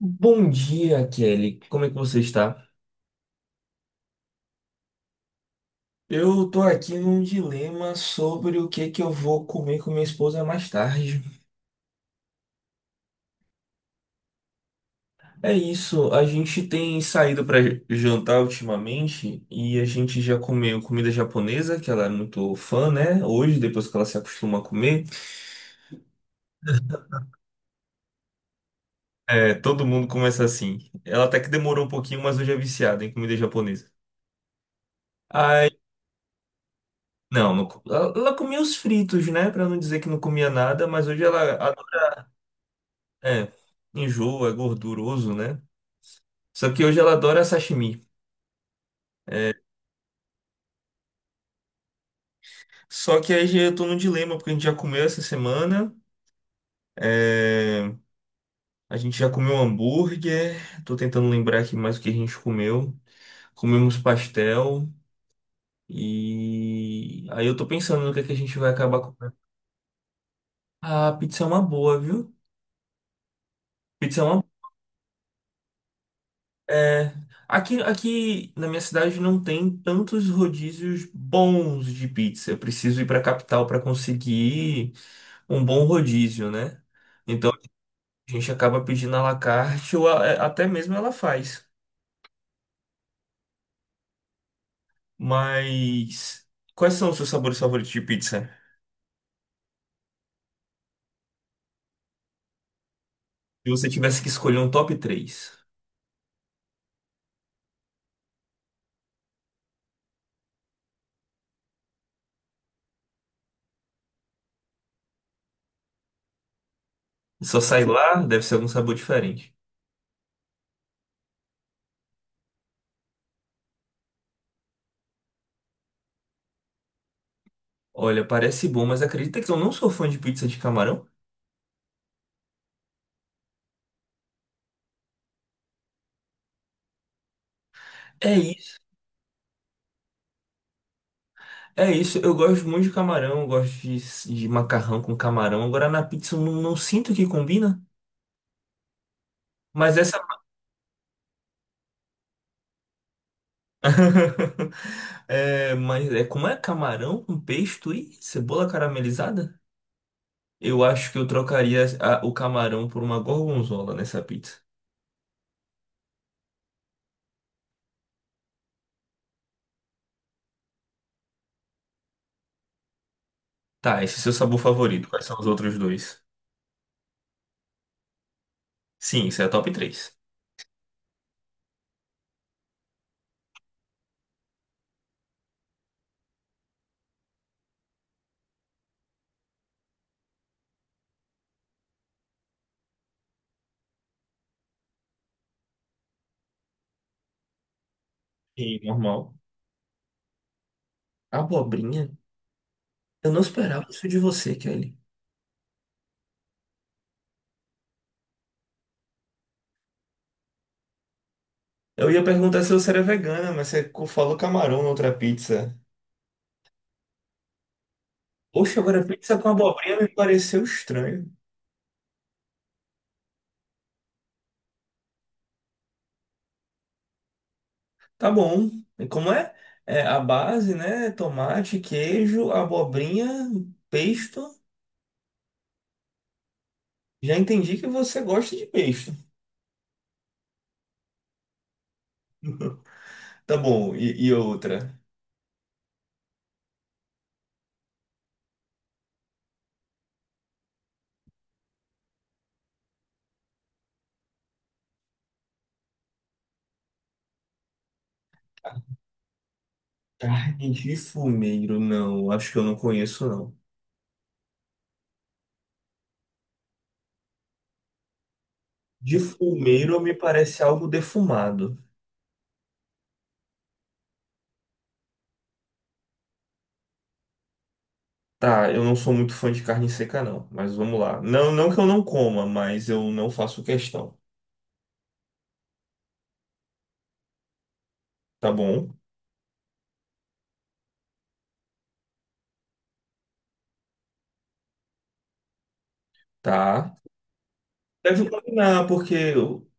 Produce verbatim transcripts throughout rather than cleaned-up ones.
Bom dia, Kelly. Como é que você está? Eu tô aqui num dilema sobre o que que eu vou comer com minha esposa mais tarde. É isso, a gente tem saído para jantar ultimamente e a gente já comeu comida japonesa, que ela é muito fã, né? Hoje, depois que ela se acostuma a comer, é, todo mundo começa assim. Ela até que demorou um pouquinho, mas hoje é viciada em comida japonesa. Aí, não, não co- ela ela comia os fritos, né? Pra não dizer que não comia nada, mas hoje ela. É, enjoa, é gorduroso, né? Só que hoje ela adora sashimi. Só que aí eu tô num dilema, porque a gente já comeu essa semana. É. A gente já comeu hambúrguer. Tô tentando lembrar aqui mais o que a gente comeu. Comemos pastel. E aí eu tô pensando no que é que a gente vai acabar comendo. Ah, pizza é uma boa, viu? Pizza é uma. É, aqui, aqui na minha cidade não tem tantos rodízios bons de pizza. Eu preciso ir para a capital para conseguir um bom rodízio, né? Então a gente acaba pedindo à la carte ou a- é, até mesmo ela faz. Mas quais são os seus sabores favoritos de pizza? Se você tivesse que escolher um top três, só sai lá, deve ser algum sabor diferente. Olha, parece bom, mas acredita que eu não sou fã de pizza de camarão? É. É isso, eu gosto muito de camarão, eu gosto de, de macarrão com camarão. Agora na pizza eu não, não sinto que combina, mas essa. É, mas é, como é camarão com pesto e cebola caramelizada? Eu acho que eu trocaria a- o camarão por uma gorgonzola nessa pizza. Tá, esse é seu sabor favorito. Quais são os outros dois? Sim, isso é a top três. E normal. Abobrinha? Eu não esperava isso de você, Kelly. Eu ia perguntar se você era vegana, mas você co- falou camarão na outra pizza. Oxe, agora pizza com abobrinha me pareceu estranho. Tá bom. E como é? É a base, né? Tomate, queijo, abobrinha, pesto. Já entendi que você gosta de pesto. Tá bom. E, e outra? Carne de fumeiro, não. Acho que eu não conheço, não. De fumeiro me parece algo defumado. Tá, eu não sou muito fã de carne seca, não. Mas vamos lá. Não, não que eu não coma, mas eu não faço questão. Tá bom? Tá. Deve combinar, porque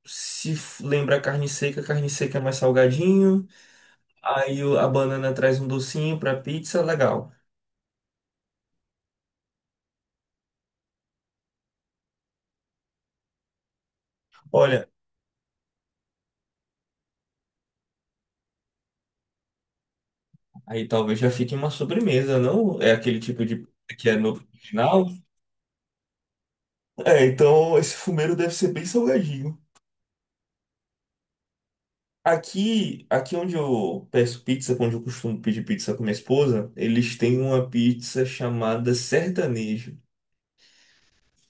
se f- lembra carne seca, carne seca é mais salgadinho. Aí o- a banana traz um docinho pra pizza, legal. Olha, aí talvez já fique uma sobremesa, não? É aquele tipo de pizza que é no original. É, então esse fumeiro deve ser bem salgadinho. Aqui, aqui onde eu peço pizza, onde eu costumo pedir pizza com minha esposa, eles têm uma pizza chamada sertanejo.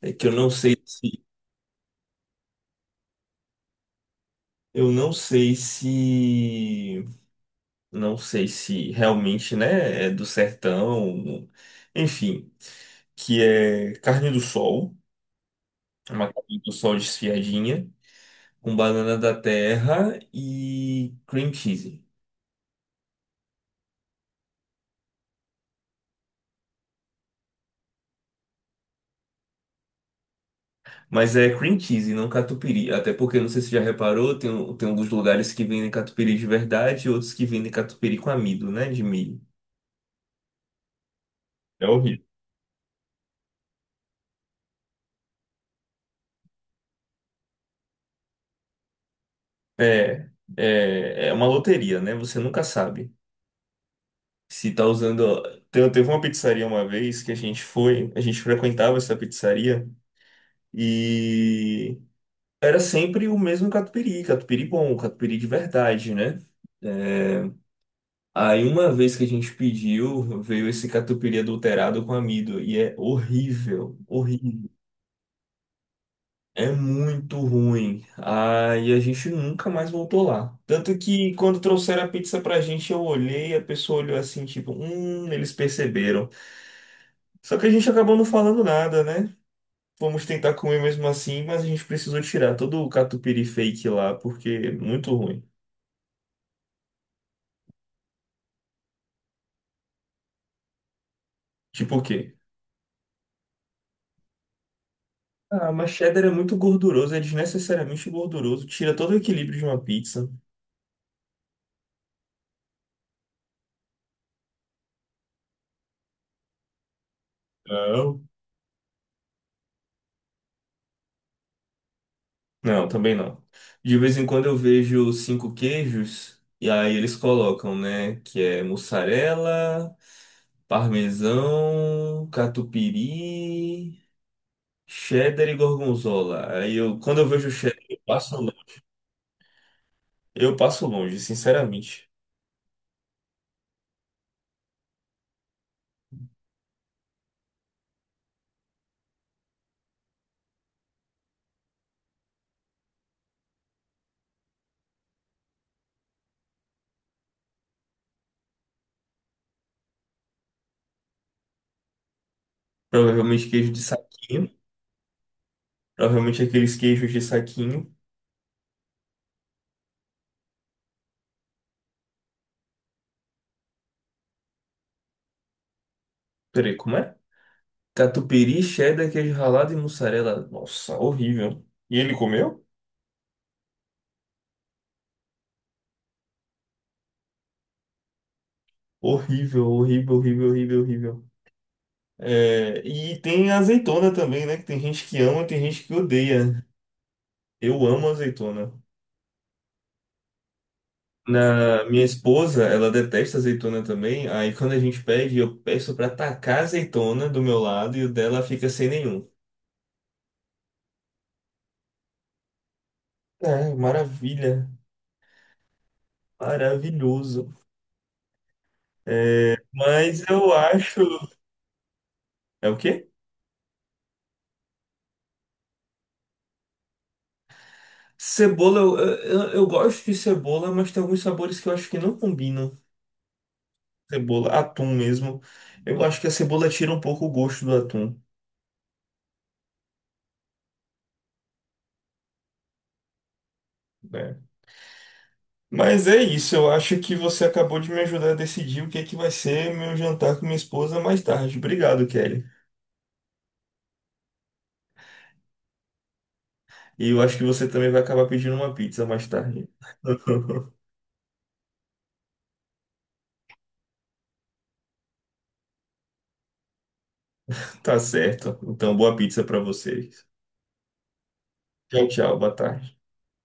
É que eu não sei se, eu não sei se Não sei se realmente, né, é do sertão, enfim, que é carne do sol, uma carne do sol desfiadinha, com banana da terra e cream cheese. Mas é cream cheese, não catupiry. Até porque, não sei se já reparou, tem, um- tem alguns lugares que vendem catupiry de verdade e outros que vendem catupiry com amido, né, de milho. É horrível. É, é, é uma loteria, né? Você nunca sabe. Se tá usando. Te- Teve uma pizzaria uma vez que a gente foi, a gente frequentava essa pizzaria e era sempre o mesmo catupiry, catupiry bom, catupiry de verdade, né? É, aí uma vez que a gente pediu, veio esse catupiry adulterado com amido e é horrível, horrível, é muito ruim. Aí a gente nunca mais voltou lá. Tanto que quando trouxeram a pizza pra gente, eu olhei, a pessoa olhou assim, tipo, hum, eles perceberam. Só que a gente acabou não falando nada, né? Vamos tentar comer mesmo assim, mas a gente precisou tirar todo o catupiry fake lá, porque é muito ruim. Tipo o quê? Ah, mas cheddar é muito gorduroso, é desnecessariamente gorduroso, tira todo o equilíbrio de uma pizza. Não. Não, também não. De vez em quando eu vejo cinco queijos, e aí eles colocam, né? Que é mussarela, parmesão, catupiry, cheddar e gorgonzola. Aí eu, quando eu vejo cheddar, eu passo Eu passo longe, sinceramente. Provavelmente queijo de saquinho. Provavelmente aqueles queijos de saquinho. Peraí, como é? Catupiry, cheddar, queijo ralado e mussarela. Nossa, horrível. E ele comeu? Horrível, horrível, horrível, horrível, horrível. É, e tem azeitona também, né? Que tem gente que ama, tem gente que odeia. Eu amo azeitona. Na minha esposa, ela detesta azeitona também. Aí quando a gente pede, eu peço pra tacar azeitona do meu lado e o dela fica sem nenhum. É, maravilha. Maravilhoso. Mas eu acho. É o quê? Cebola, eu, eu, eu gosto de cebola, mas tem alguns sabores que eu acho que não combinam. Cebola, atum mesmo. Eu acho que a cebola tira um pouco o gosto do atum, né? Mas é isso, eu acho que você acabou de me ajudar a decidir o que é que vai ser meu jantar com minha esposa mais tarde. Obrigado, Kelly. E eu acho que você também vai acabar pedindo uma pizza mais tarde. Tá certo. Então, boa pizza pra vocês. Tchau, tchau, boa tarde.